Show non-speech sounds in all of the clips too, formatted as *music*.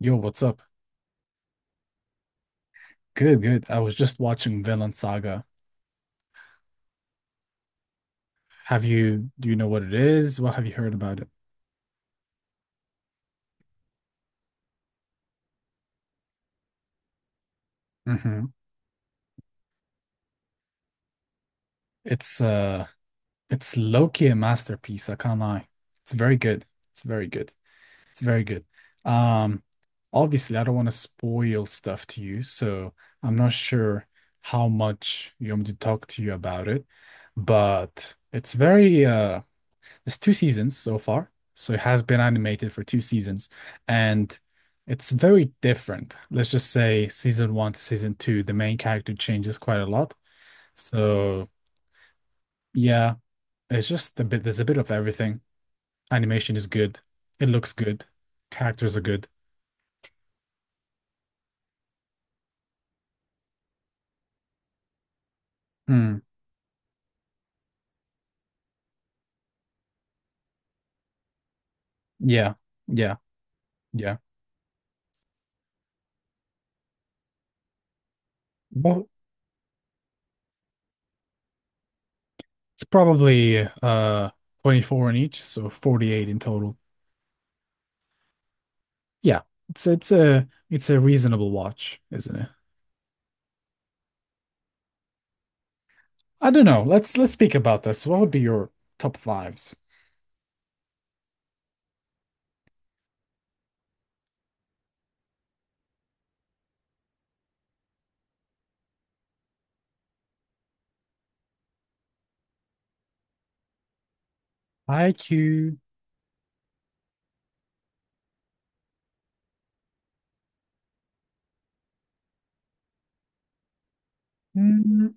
Yo, what's up? Good, good. I was just watching Vinland Saga. Have you, do you know what it is? What have you heard about it? Hmm. It's uh it's low-key a masterpiece, I can't lie. It's very good. It's very good. It's very good. Um, Obviously I don't want to spoil stuff to you, so I'm not sure how much you want me to talk to you about it, but it's very it's two seasons so far, so it has been animated for two seasons, and it's very different. Let's just say season one to season two, the main character changes quite a lot. So yeah, it's just a bit. There's a bit of everything. Animation is good. It looks good. Characters are good. Hmm. Yeah. Yeah. Yeah. But it's probably 24 in each, so 48 in total. Yeah. It's a reasonable watch, isn't it? I don't know. Let's speak about this. What would be your top fives? IQ. Mm,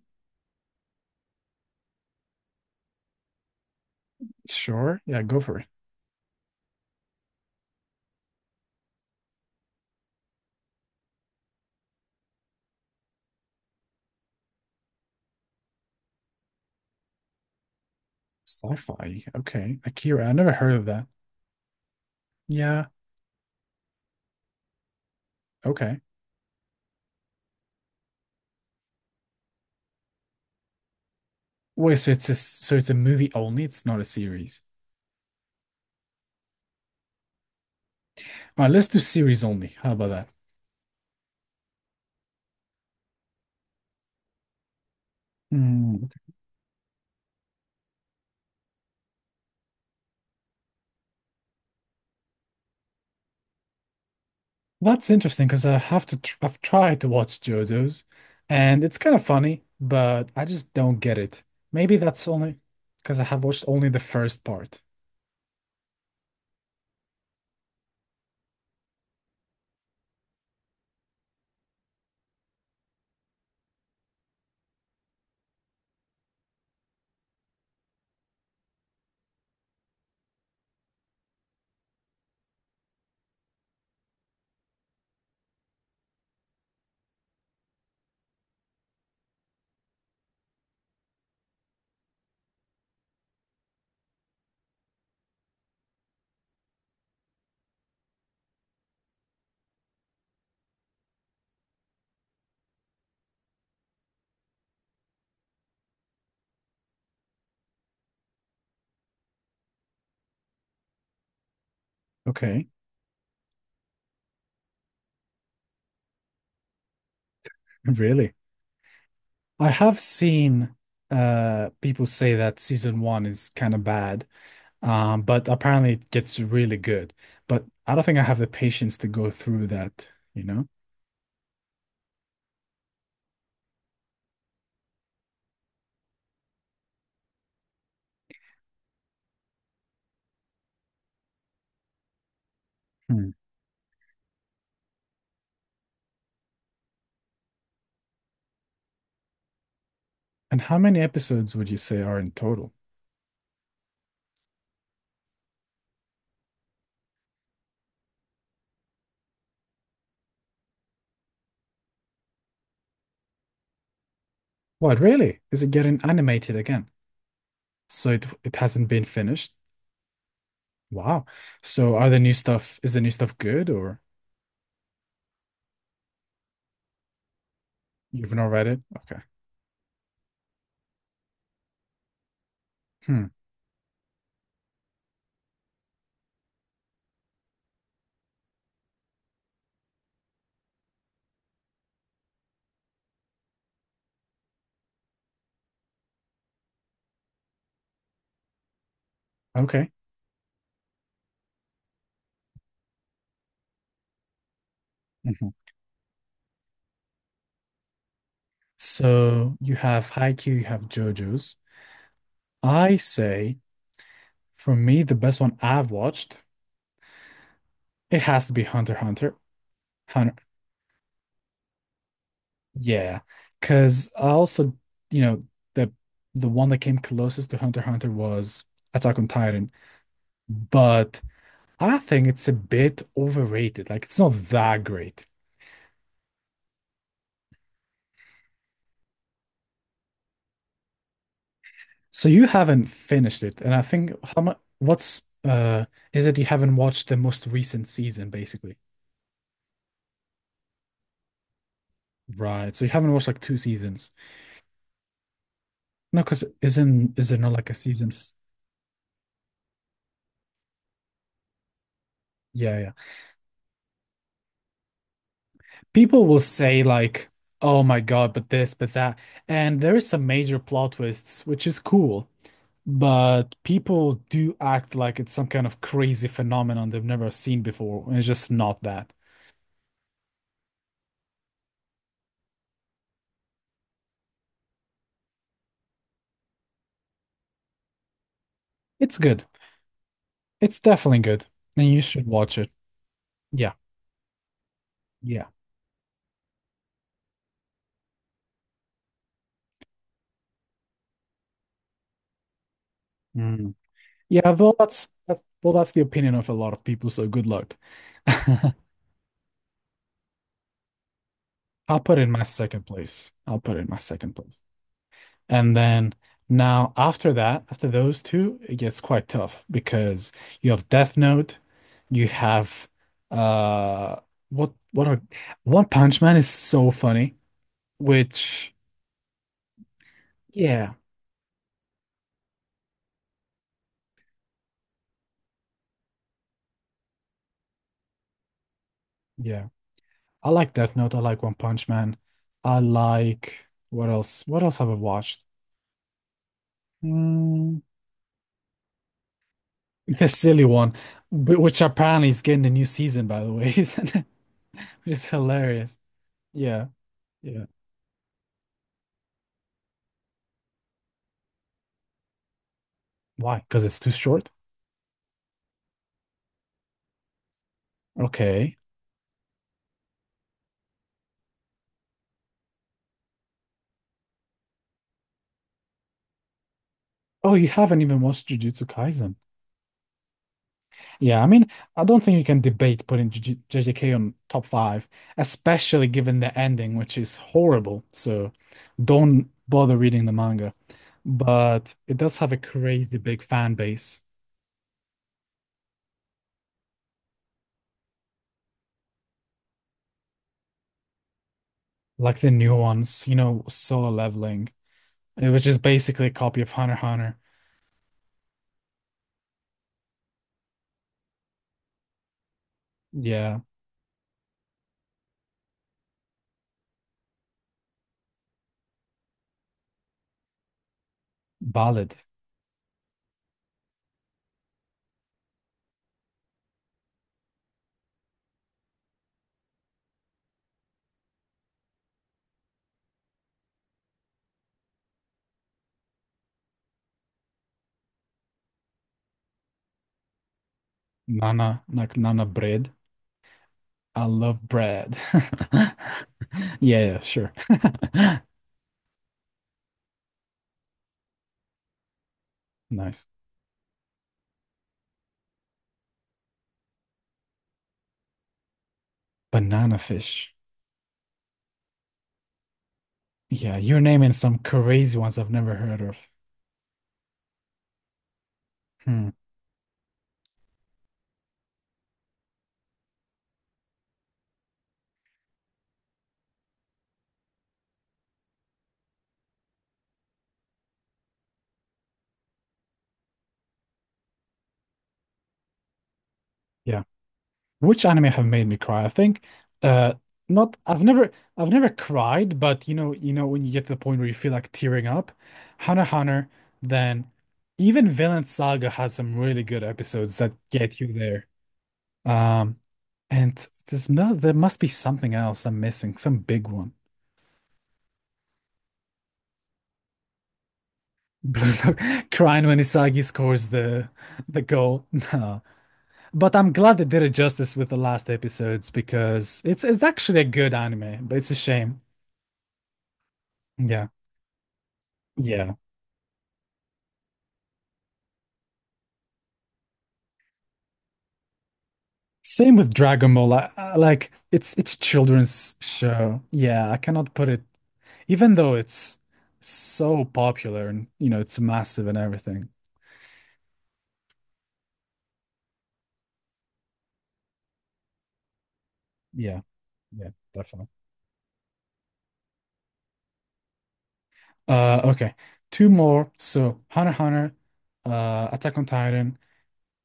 sure. Yeah, go for it. Sci-fi. Okay. Akira. I never heard of that. Yeah. Okay. Wait, so it's a movie only. It's not a series. All right, let's do series only. How about that? Mm, okay. That's interesting because I've tried to watch JoJo's and it's kind of funny, but I just don't get it. Maybe that's only because I have watched only the first part. Okay. *laughs* Really? I have seen people say that season one is kind of bad, but apparently it gets really good. But I don't think I have the patience to go through that, you know? Hmm. And how many episodes would you say are in total? What, really? Is it getting animated again? So it hasn't been finished? Wow. So are the new stuff, is the new stuff good or you've not read it? Okay. Hmm. Okay. Mhm. So you have Haikyuu, you have JoJo's. I say. For me, the best one I've watched, it has to be Hunter x Hunter. Hunter, yeah, because I also, you know, the the one that came closest to Hunter x Hunter was Attack on Titan, but I think it's a bit overrated. Like it's not that great. So you haven't finished it, and I think how much? What's is it you haven't watched the most recent season, basically? Right. So you haven't watched like two seasons. No, because isn't is there not like a season? Yeah, yeah. People will say like, "Oh my God, but this, but that," and there is some major plot twists, which is cool. But people do act like it's some kind of crazy phenomenon they've never seen before, and it's just not that. It's good. It's definitely good, and you should watch it. Yeah, yeah, mm, yeah. Well, that's the opinion of a lot of people. So good luck. *laughs* I'll put it in my second place. I'll put it in my second place. And then now after that, after those two, it gets quite tough because you have Death Note, you have uh what are One Punch Man is so funny, which yeah, yeah. I like Death Note, I like One Punch Man. I like what else? What else have I watched? Mm, the silly one, which apparently is getting a new season, by the way, *laughs* isn't it? Which is hilarious. Yeah, yeah. Why? Because it's too short? Okay. Oh, you haven't even watched Jujutsu Kaisen. Yeah, I mean, I don't think you can debate putting JJK on top five, especially given the ending, which is horrible. So don't bother reading the manga. But it does have a crazy big fan base, like the new ones, you know, Solo Leveling, eh, which is basically a copy of Hunter x Hunter. Yeah, Ballad, Nana, like Nana Bread. I love bread. *laughs* Yeah, yeah, sure. *laughs* Nice. Banana fish. Yeah, you're naming some crazy ones I've never heard of. Hmm. Yeah. Which anime have made me cry? I think uh not I've never cried, but you know when you get to the point where you feel like tearing up, Hunter x Hunter, then even Vinland Saga had some really good episodes that get you there. Um and there's no there must be something else I'm missing, some big one. *laughs* Crying when Isagi scores the goal. *laughs* No. But I'm glad they did it justice with the last episodes because it's actually a good anime, but it's a shame. Yeah. Yeah. Same with Dragon Ball. Like it's a children's show. Yeah, I cannot put it even though it's so popular and you know it's massive and everything. Yeah. Yeah, definitely. Okay. Two more. So Hunter x Hunter, Attack on Titan,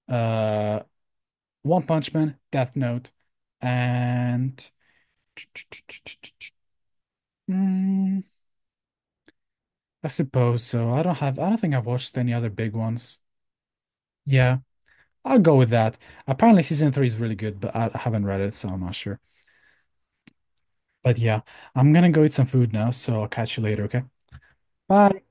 uh One Punch Man, Death Note, and mm, I suppose so. I don't think I've watched any other big ones. Yeah, I'll go with that. Apparently, season three is really good, but I haven't read it, so I'm not sure. But yeah, I'm gonna go eat some food now, so I'll catch you later, okay? Bye.